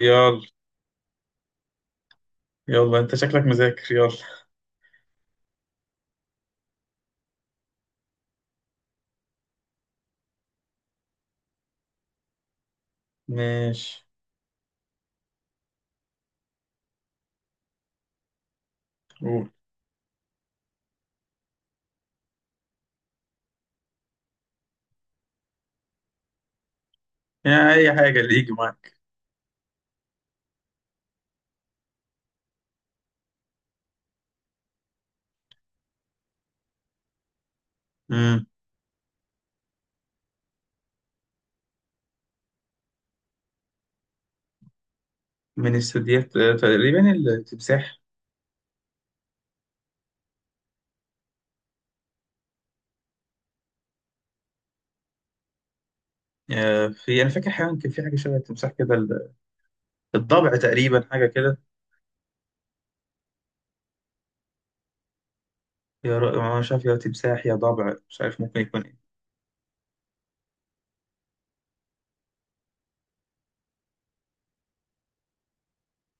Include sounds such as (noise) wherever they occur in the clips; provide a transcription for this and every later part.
يلا، انت شكلك مذاكر، يلا. ماشي. قول. يعني اي حاجة اللي يجي معاك. مم. من الثدييات، تقريبا التمساح. في، انا فاكر حيوان كان في حاجة شبه التمساح كده، الضبع تقريبا، حاجة كده. مش عارف، يا تمساح يا ضبع، مش عارف ممكن يكون ايه.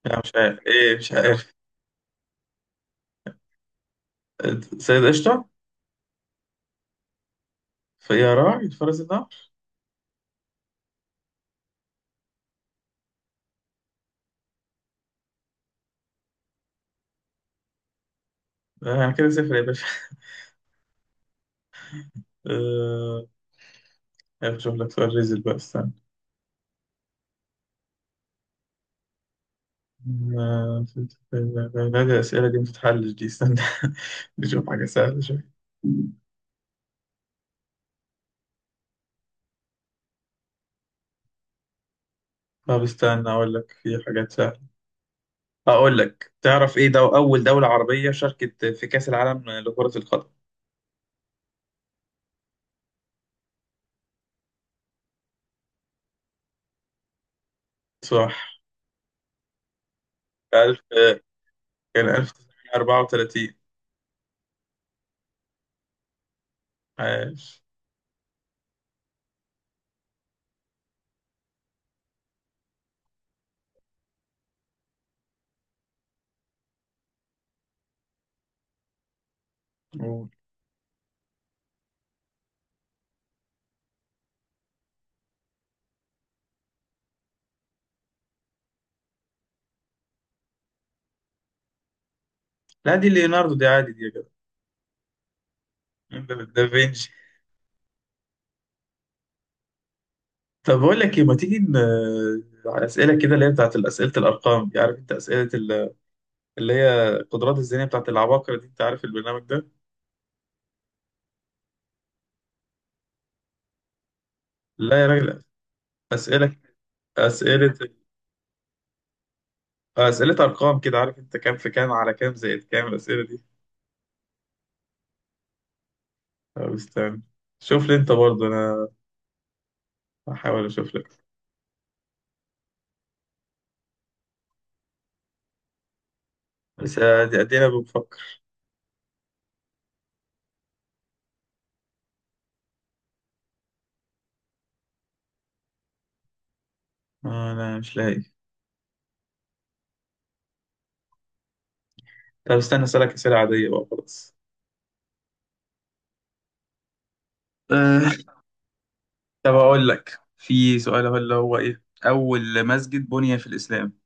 لا مش عارف ايه، مش عارف. سيد قشطة. فيا راعي فرس النهر. انا كده صفر يا باشا. (laughs) اشوف لك سؤال ريزل بقى، استنى. ما- لا دي الأسئلة دي متتحلش دي، استنى. (laughs) نشوف حاجة سهلة شوية. طب استنى أقول لك، في حاجات سهلة. أقول لك، تعرف إيه دو أول دولة عربية شاركت في كأس العالم لكرة القدم؟ صح. ألف، كان 1934. عاش. قول. لا دي ليوناردو، دي عادي دي يا جدع. ده دافنشي. طب أقول لك إيه، ما تيجي على أسئلة كده، اللي هي بتاعت أسئلة الأرقام دي، عارف أنت أسئلة اللي هي القدرات الذهنية بتاعت العباقرة دي، أنت عارف البرنامج ده؟ لا يا راجل. أسئلة، أسئلة، أسئلة أرقام كده، عارف أنت كام في كام على كام زائد كام، الأسئلة دي. طب استنى، شوف لي أنت برضه. أنا هحاول أشوف لك. بس أدينا بنفكر. أنا مش لاقي. طب استنى أسألك أسئلة عادية بقى، خلاص. آه، طب أقول لك في سؤال، هو اللي هو إيه أول مسجد بني في الإسلام؟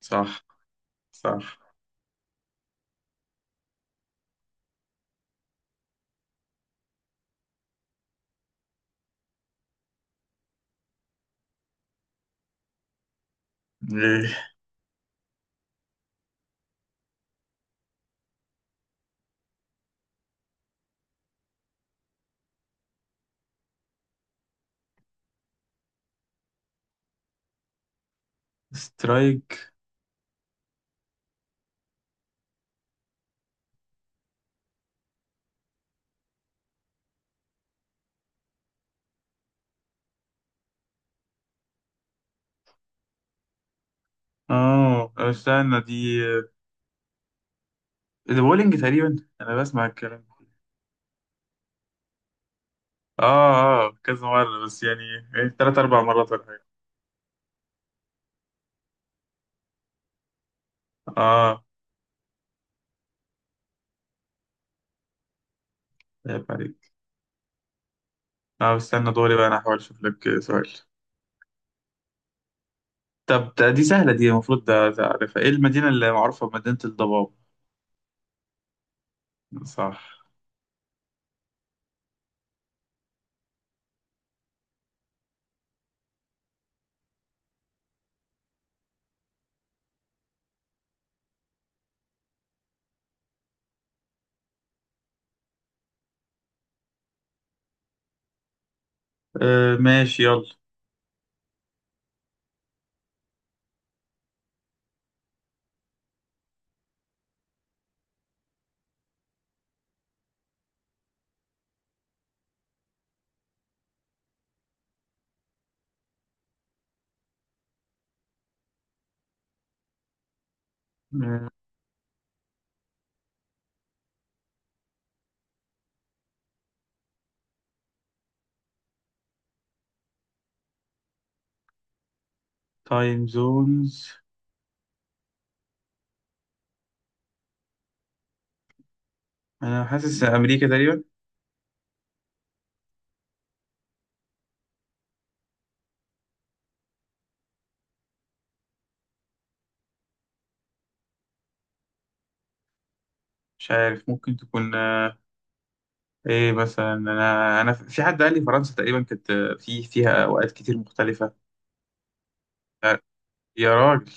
صح. صح. إيه؟ سترايك. آه استنى، دي، دي بولينج تقريبا، أنا بسمع الكلام. اه اه، كذا مرة بس يعني. ايه، تلات أربع مرات ولا حاجة. اه. عيب عليك. اه استنى دوري بقى، أنا هحاول أشوف لك سؤال. طب دي سهلة دي، المفروض ده ده عارفها. ايه المدينة اللي معروفة بمدينة الضباب؟ صح. آه ماشي، يلا. آه. تايم زونز. أنا حاسس أمريكا تقريبا. مش عارف، ممكن تكون، آه، ايه مثلا؟ أنا في حد قال لي فرنسا تقريبا، كانت في، فيها أوقات كتير مختلفة. آه، يا راجل.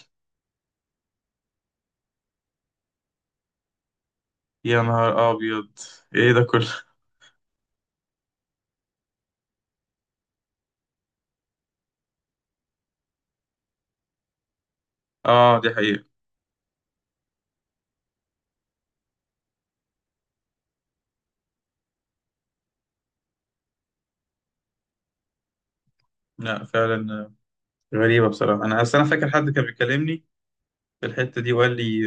يا نهار أبيض، ايه ده كله؟ اه دي حقيقة. لا فعلا غريبة بصراحة. أنا أصل أنا فاكر حد كان بيكلمني في الحتة دي، وقال لي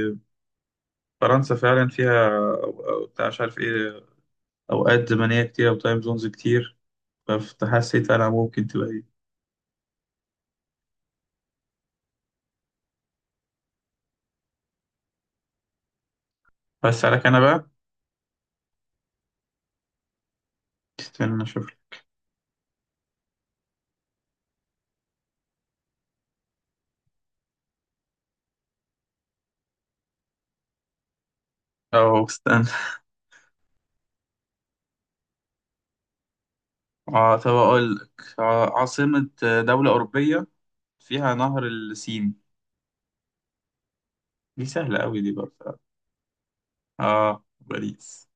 فرنسا فعلا فيها، أو بتاع، مش عارف إيه، أوقات زمنية كتير أو تايم زونز كتير. فحسيت أنا ممكن تبقى إيه. بس عليك، أنا بقى استنى أشوف لك. أهو استنى. آه طب أقول لك، عاصمة دولة أوروبية فيها نهر السين؟ دي سهلة أوي دي برضه. آه باريس.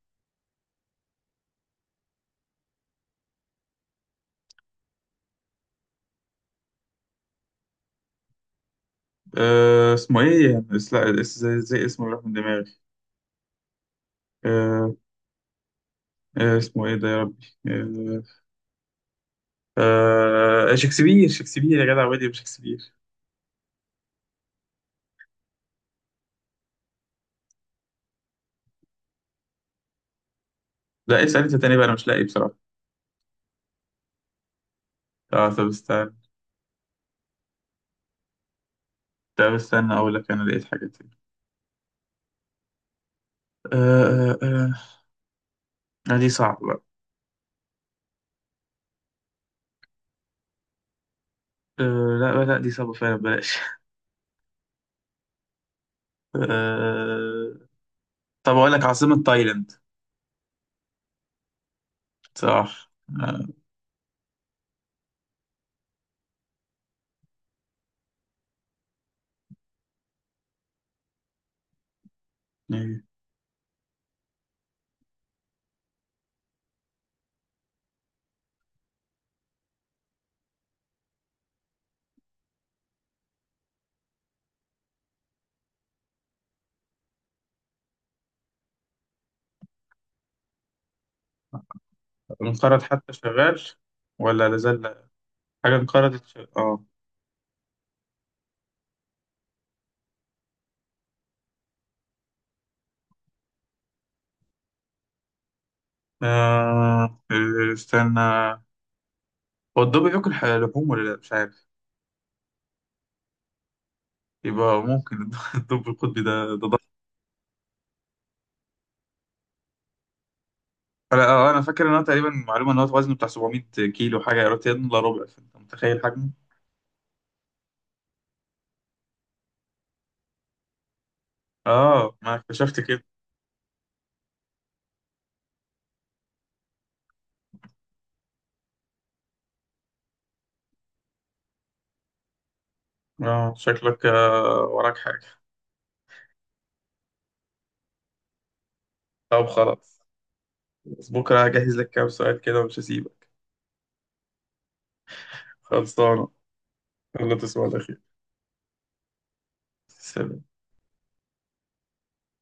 آه اسمه إيه يعني؟ لا زي، زي اسمه راح من دماغي. آه. آه اسمه إيه ده يا ربي؟ آه شكسبير، شكسبير يا جدع، ويليام شكسبير. لا اسأل انت تاني بقى، انا مش لاقي بصراحة. اه طب استنى. طب استنى اقول لك، انا لقيت حاجة تاني. آه آه آه دي صعبة بقى. آه لا لا، دي صعبة فعلا، بلاش. آه. طب اقول لك، عاصمة تايلاند؟ صح. آه. إيه. انقرض حتى شغال ولا لازال؟ حاجة انقرضت شغال. اه. آه، استنى، هو الدب بياكل لحوم ولا لا؟ مش عارف. يبقى ممكن (laughs) الدب القطبي ده ده. انا انا فاكر ان هو تقريبا، معلومه ان هو وزنه بتاع 700 كيلو حاجه، يا ريت يلا ربع، فانت متخيل حجمه. اه، ما اكتشفت كده. اه شكلك، وراك حاجه. طب خلاص، بكره هجهز لك كام سؤال كده ومش هسيبك. خلصانه. يلا تصبح على خير. سلام.